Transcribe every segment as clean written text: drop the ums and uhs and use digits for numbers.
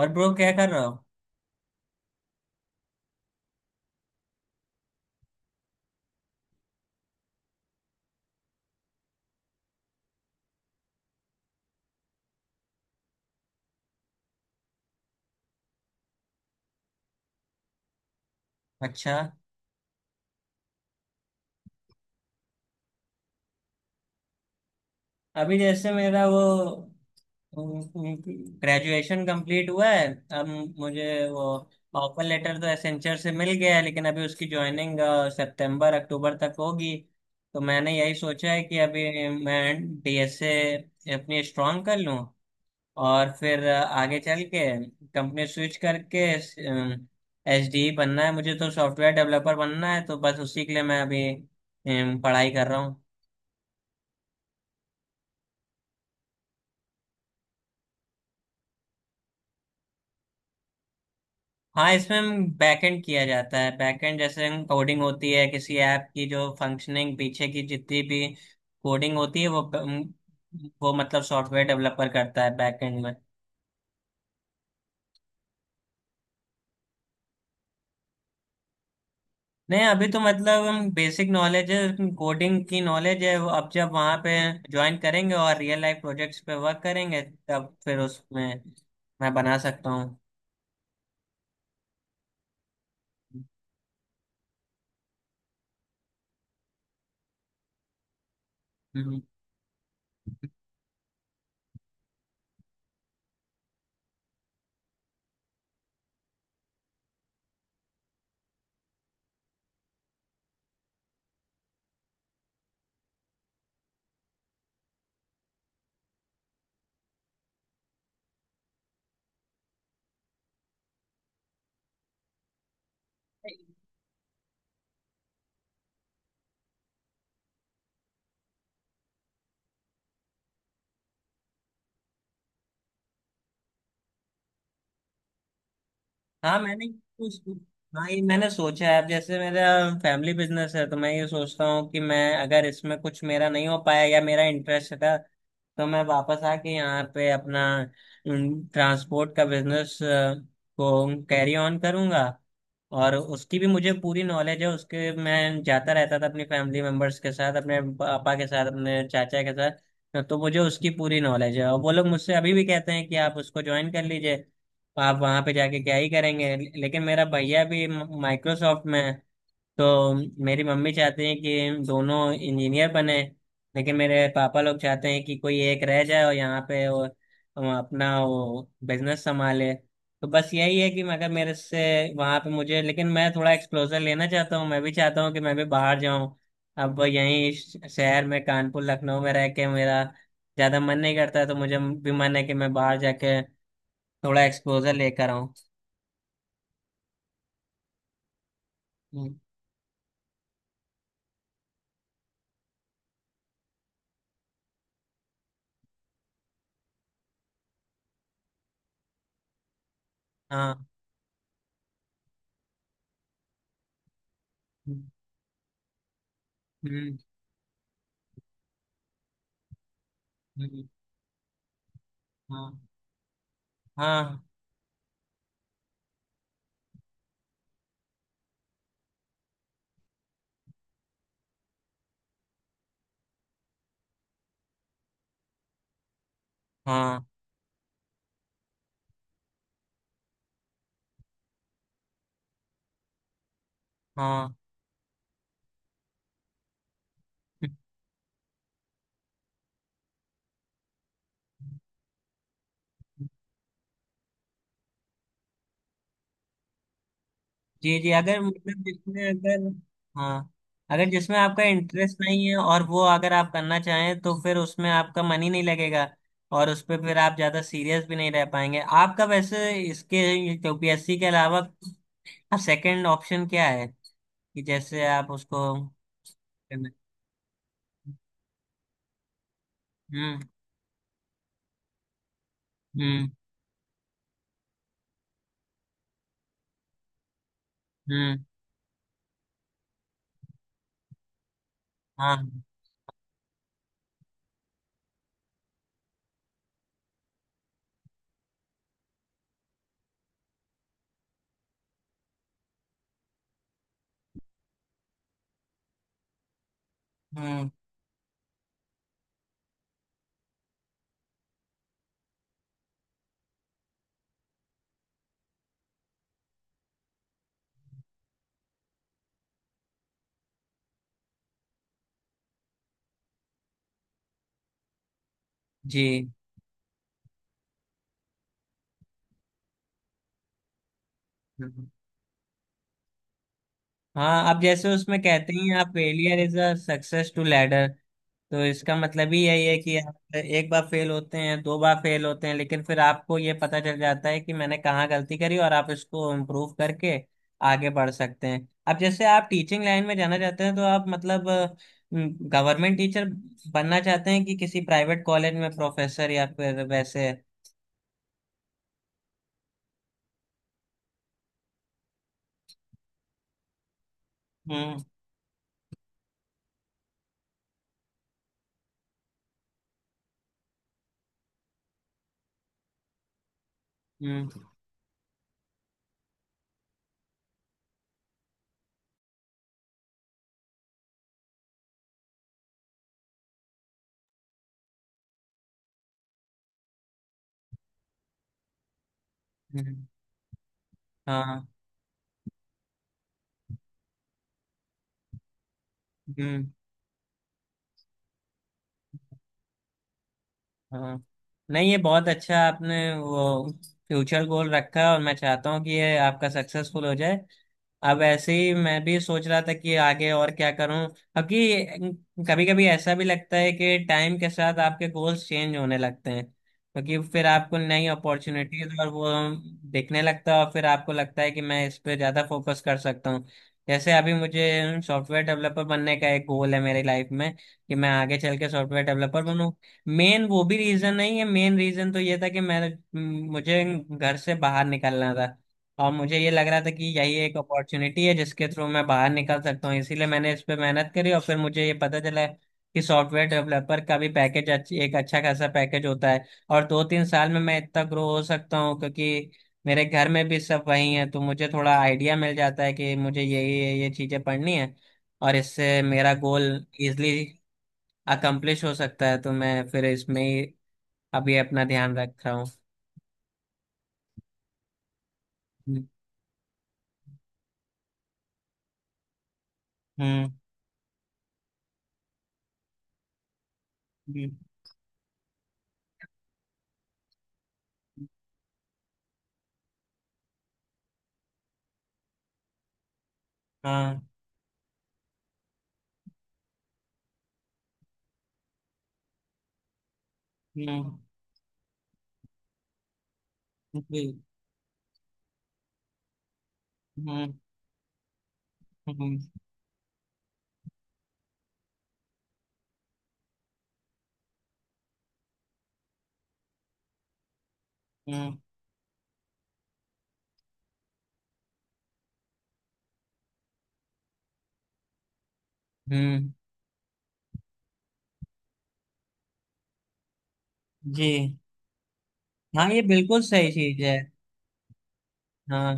और ब्रो क्या कर रहा हो? अच्छा। अभी जैसे मेरा वो ग्रेजुएशन कंप्लीट हुआ है। अब मुझे वो ऑफर लेटर तो एसेंचर से मिल गया है, लेकिन अभी उसकी ज्वाइनिंग सितंबर अक्टूबर तक होगी। तो मैंने यही सोचा है कि अभी मैं डीएसए अपनी स्ट्रांग कर लूँ, और फिर आगे चल के कंपनी स्विच करके एस डी बनना है। मुझे तो सॉफ्टवेयर डेवलपर बनना है, तो बस उसी के लिए मैं अभी पढ़ाई कर रहा हूँ। हाँ, इसमें हम बैकएंड किया जाता है। बैकएंड जैसे हम कोडिंग होती है किसी ऐप की, जो फंक्शनिंग पीछे की जितनी भी कोडिंग होती है वो मतलब सॉफ्टवेयर डेवलपर करता है बैकएंड में। नहीं, अभी तो मतलब हम बेसिक नॉलेज है, कोडिंग की नॉलेज है। वो अब जब वहाँ पे ज्वाइन करेंगे और रियल लाइफ प्रोजेक्ट्स पे वर्क करेंगे, तब फिर उसमें मैं बना सकता हूँ। हाँ, मैंने कुछ हाँ, ये मैंने सोचा है। अब जैसे मेरा फैमिली बिजनेस है, तो मैं ये सोचता हूँ कि मैं अगर इसमें कुछ मेरा नहीं हो पाया या मेरा इंटरेस्ट था, तो मैं वापस आके यहाँ पे अपना ट्रांसपोर्ट का बिजनेस को कैरी ऑन करूँगा। और उसकी भी मुझे पूरी नॉलेज है, उसके मैं जाता रहता था अपनी फैमिली मेंबर्स के साथ, अपने पापा के साथ, अपने चाचा के साथ। तो मुझे उसकी पूरी नॉलेज है, और वो लोग मुझसे अभी भी कहते हैं कि आप उसको ज्वाइन कर लीजिए, आप वहाँ पे जाके क्या ही करेंगे। लेकिन मेरा भैया भी माइक्रोसॉफ्ट में है, तो मेरी मम्मी चाहती है कि हम दोनों इंजीनियर बने। लेकिन मेरे पापा लोग चाहते हैं कि कोई एक रह जाए और यहाँ पे वो अपना वो बिजनेस संभाले। तो बस यही है कि मगर मेरे से वहाँ पे मुझे, लेकिन मैं थोड़ा एक्सपोजर लेना चाहता हूँ, मैं भी चाहता हूँ कि मैं भी बाहर जाऊँ। अब यहीं शहर में, कानपुर लखनऊ में रह के मेरा ज़्यादा मन नहीं करता है, तो मुझे भी मन है कि मैं बाहर जाके थोड़ा एक्सपोजर लेकर आऊँ। हम्म। हाँ। हम्म। हम्म। हम्म। हाँ, हाँ, हाँ, हाँ, जी, जी। अगर मतलब जिसमें अगर हाँ, अगर जिसमें आपका इंटरेस्ट नहीं है और वो अगर आप करना चाहें, तो फिर उसमें आपका मन ही नहीं लगेगा, और उस पर फिर आप ज़्यादा सीरियस भी नहीं रह पाएंगे। आपका वैसे इसके यूपीएससी के अलावा सेकंड ऑप्शन क्या है? कि जैसे आप उसको करना- हम्म। हम्म। हम्म। हाँ। हम्म। जी। हम्म। हाँ, अब जैसे उसमें कहते हैं, आप failure is a success to ladder. तो इसका मतलब ही यही है कि आप एक बार फेल होते हैं, दो बार फेल होते हैं, लेकिन फिर आपको ये पता चल जाता है कि मैंने कहाँ गलती करी, और आप इसको इम्प्रूव करके आगे बढ़ सकते हैं। अब जैसे आप टीचिंग लाइन में जाना चाहते हैं, तो आप मतलब गवर्नमेंट टीचर बनना चाहते हैं कि किसी प्राइवेट कॉलेज में प्रोफेसर, या फिर वैसे, हम्म। हम्म। हम्म, हाँ। हम्म। हाँ, नहीं, ये बहुत अच्छा आपने वो फ्यूचर गोल रखा है, और मैं चाहता हूँ कि ये आपका सक्सेसफुल हो जाए। अब ऐसे ही मैं भी सोच रहा था कि आगे और क्या करूँ। अब कि कभी कभी ऐसा भी लगता है कि टाइम के साथ आपके गोल्स चेंज होने लगते हैं, क्योंकि फिर आपको नई अपॉर्चुनिटीज और वो दिखने लगता है, और फिर आपको लगता है कि मैं इस पे ज़्यादा फोकस कर सकता हूँ। जैसे अभी मुझे सॉफ्टवेयर डेवलपर बनने का एक गोल है मेरी लाइफ में, कि मैं आगे चल के सॉफ्टवेयर डेवलपर बनूँ। मेन वो भी रीजन नहीं है, मेन रीजन तो ये था कि मैं, मुझे घर से बाहर निकलना था, और मुझे ये लग रहा था कि यही एक अपॉर्चुनिटी है जिसके थ्रू मैं बाहर निकल सकता हूँ, इसीलिए मैंने इस पे मेहनत करी। और फिर मुझे ये पता चला कि सॉफ्टवेयर डेवलपर का भी पैकेज एक अच्छा खासा पैकेज होता है, और 2 3 साल में मैं इतना ग्रो हो सकता हूँ। क्योंकि मेरे घर में भी सब वही है, तो मुझे थोड़ा आइडिया मिल जाता है कि मुझे यही ये चीजें पढ़नी है, और इससे मेरा गोल इजली अकम्प्लिश हो सकता है, तो मैं फिर इसमें ही अभी अपना ध्यान रख रहा हूँ। हम्म। हम्म, हाँ। हम्म। जी। हम्म। हम्म। हम्म। हम्म, जी, हाँ। ये बिल्कुल सही चीज है। हाँ।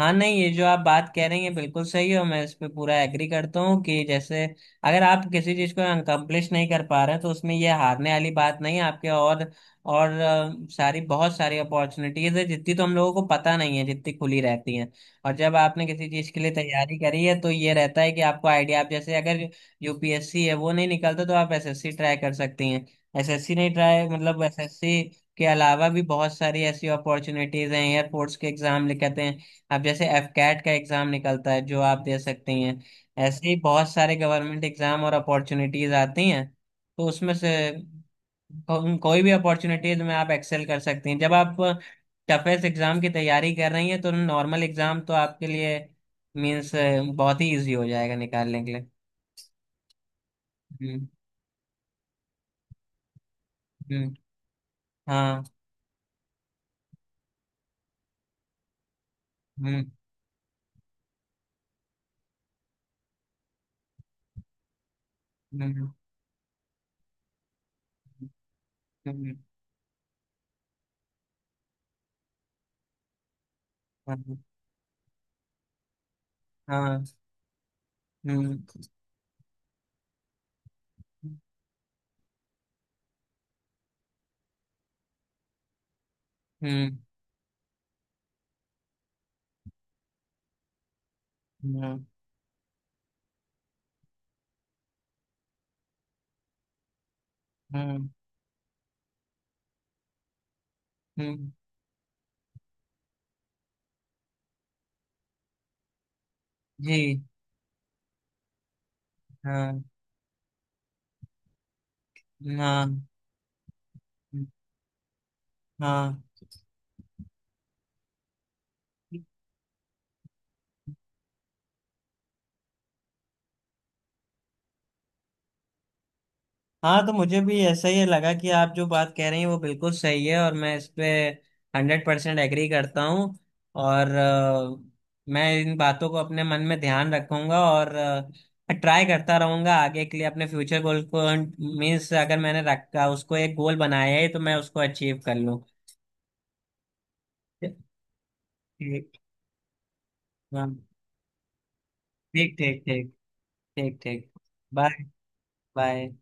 हाँ, नहीं, ये जो आप बात कह रही हैं बिल्कुल सही है, और मैं इस पे पूरा एग्री करता हूँ कि जैसे अगर आप किसी चीज़ को अनकम्प्लिश नहीं कर पा रहे हैं, तो उसमें ये हारने वाली बात नहीं है आपके। और सारी बहुत सारी अपॉर्चुनिटीज है, जितनी तो हम लोगों को पता नहीं है जितनी खुली रहती हैं। और जब आपने किसी चीज़ के लिए तैयारी करी है, तो ये रहता है कि आपको आइडिया, आप जैसे अगर यूपीएससी है वो नहीं निकलता, तो आप एसएससी ट्राई कर सकती हैं। एसएससी नहीं ट्राई, मतलब एसएससी के अलावा भी बहुत सारी ऐसी अपॉर्चुनिटीज हैं। एयरपोर्ट्स के एग्जाम लिखते हैं, अब जैसे एफ कैट का एग्जाम निकलता है जो आप दे सकते हैं। ऐसे ही बहुत सारे गवर्नमेंट एग्जाम और अपॉर्चुनिटीज आती हैं, तो उसमें से कोई भी अपॉर्चुनिटीज में आप एक्सेल कर सकती हैं। जब आप टफेस्ट एग्जाम की तैयारी कर रही हैं, तो नॉर्मल एग्जाम तो आपके लिए मीन्स बहुत ही इजी हो जाएगा निकालने के लिए। हम्म। हम्म। हाँ। हम्म। हम्म। हम्म। हम्म, हाँ। हम्म। हम्म। हम्म। हम्म। हम्म, जी, हाँ, हाँ, हाँ। हाँ, तो मुझे भी ऐसा ही लगा कि आप जो बात कह रही हैं वो बिल्कुल सही है, और मैं इस पे 100% एग्री करता हूँ। और मैं इन बातों को अपने मन में ध्यान रखूंगा, और ट्राई करता रहूंगा आगे के लिए अपने फ्यूचर गोल को। मीन्स अगर मैंने रखा उसको एक गोल बनाया है, तो मैं उसको अचीव कर लूँ। ठीक। हाँ। ठीक, ठीक, ठीक। ठीक, ठीक। बाय। बाय।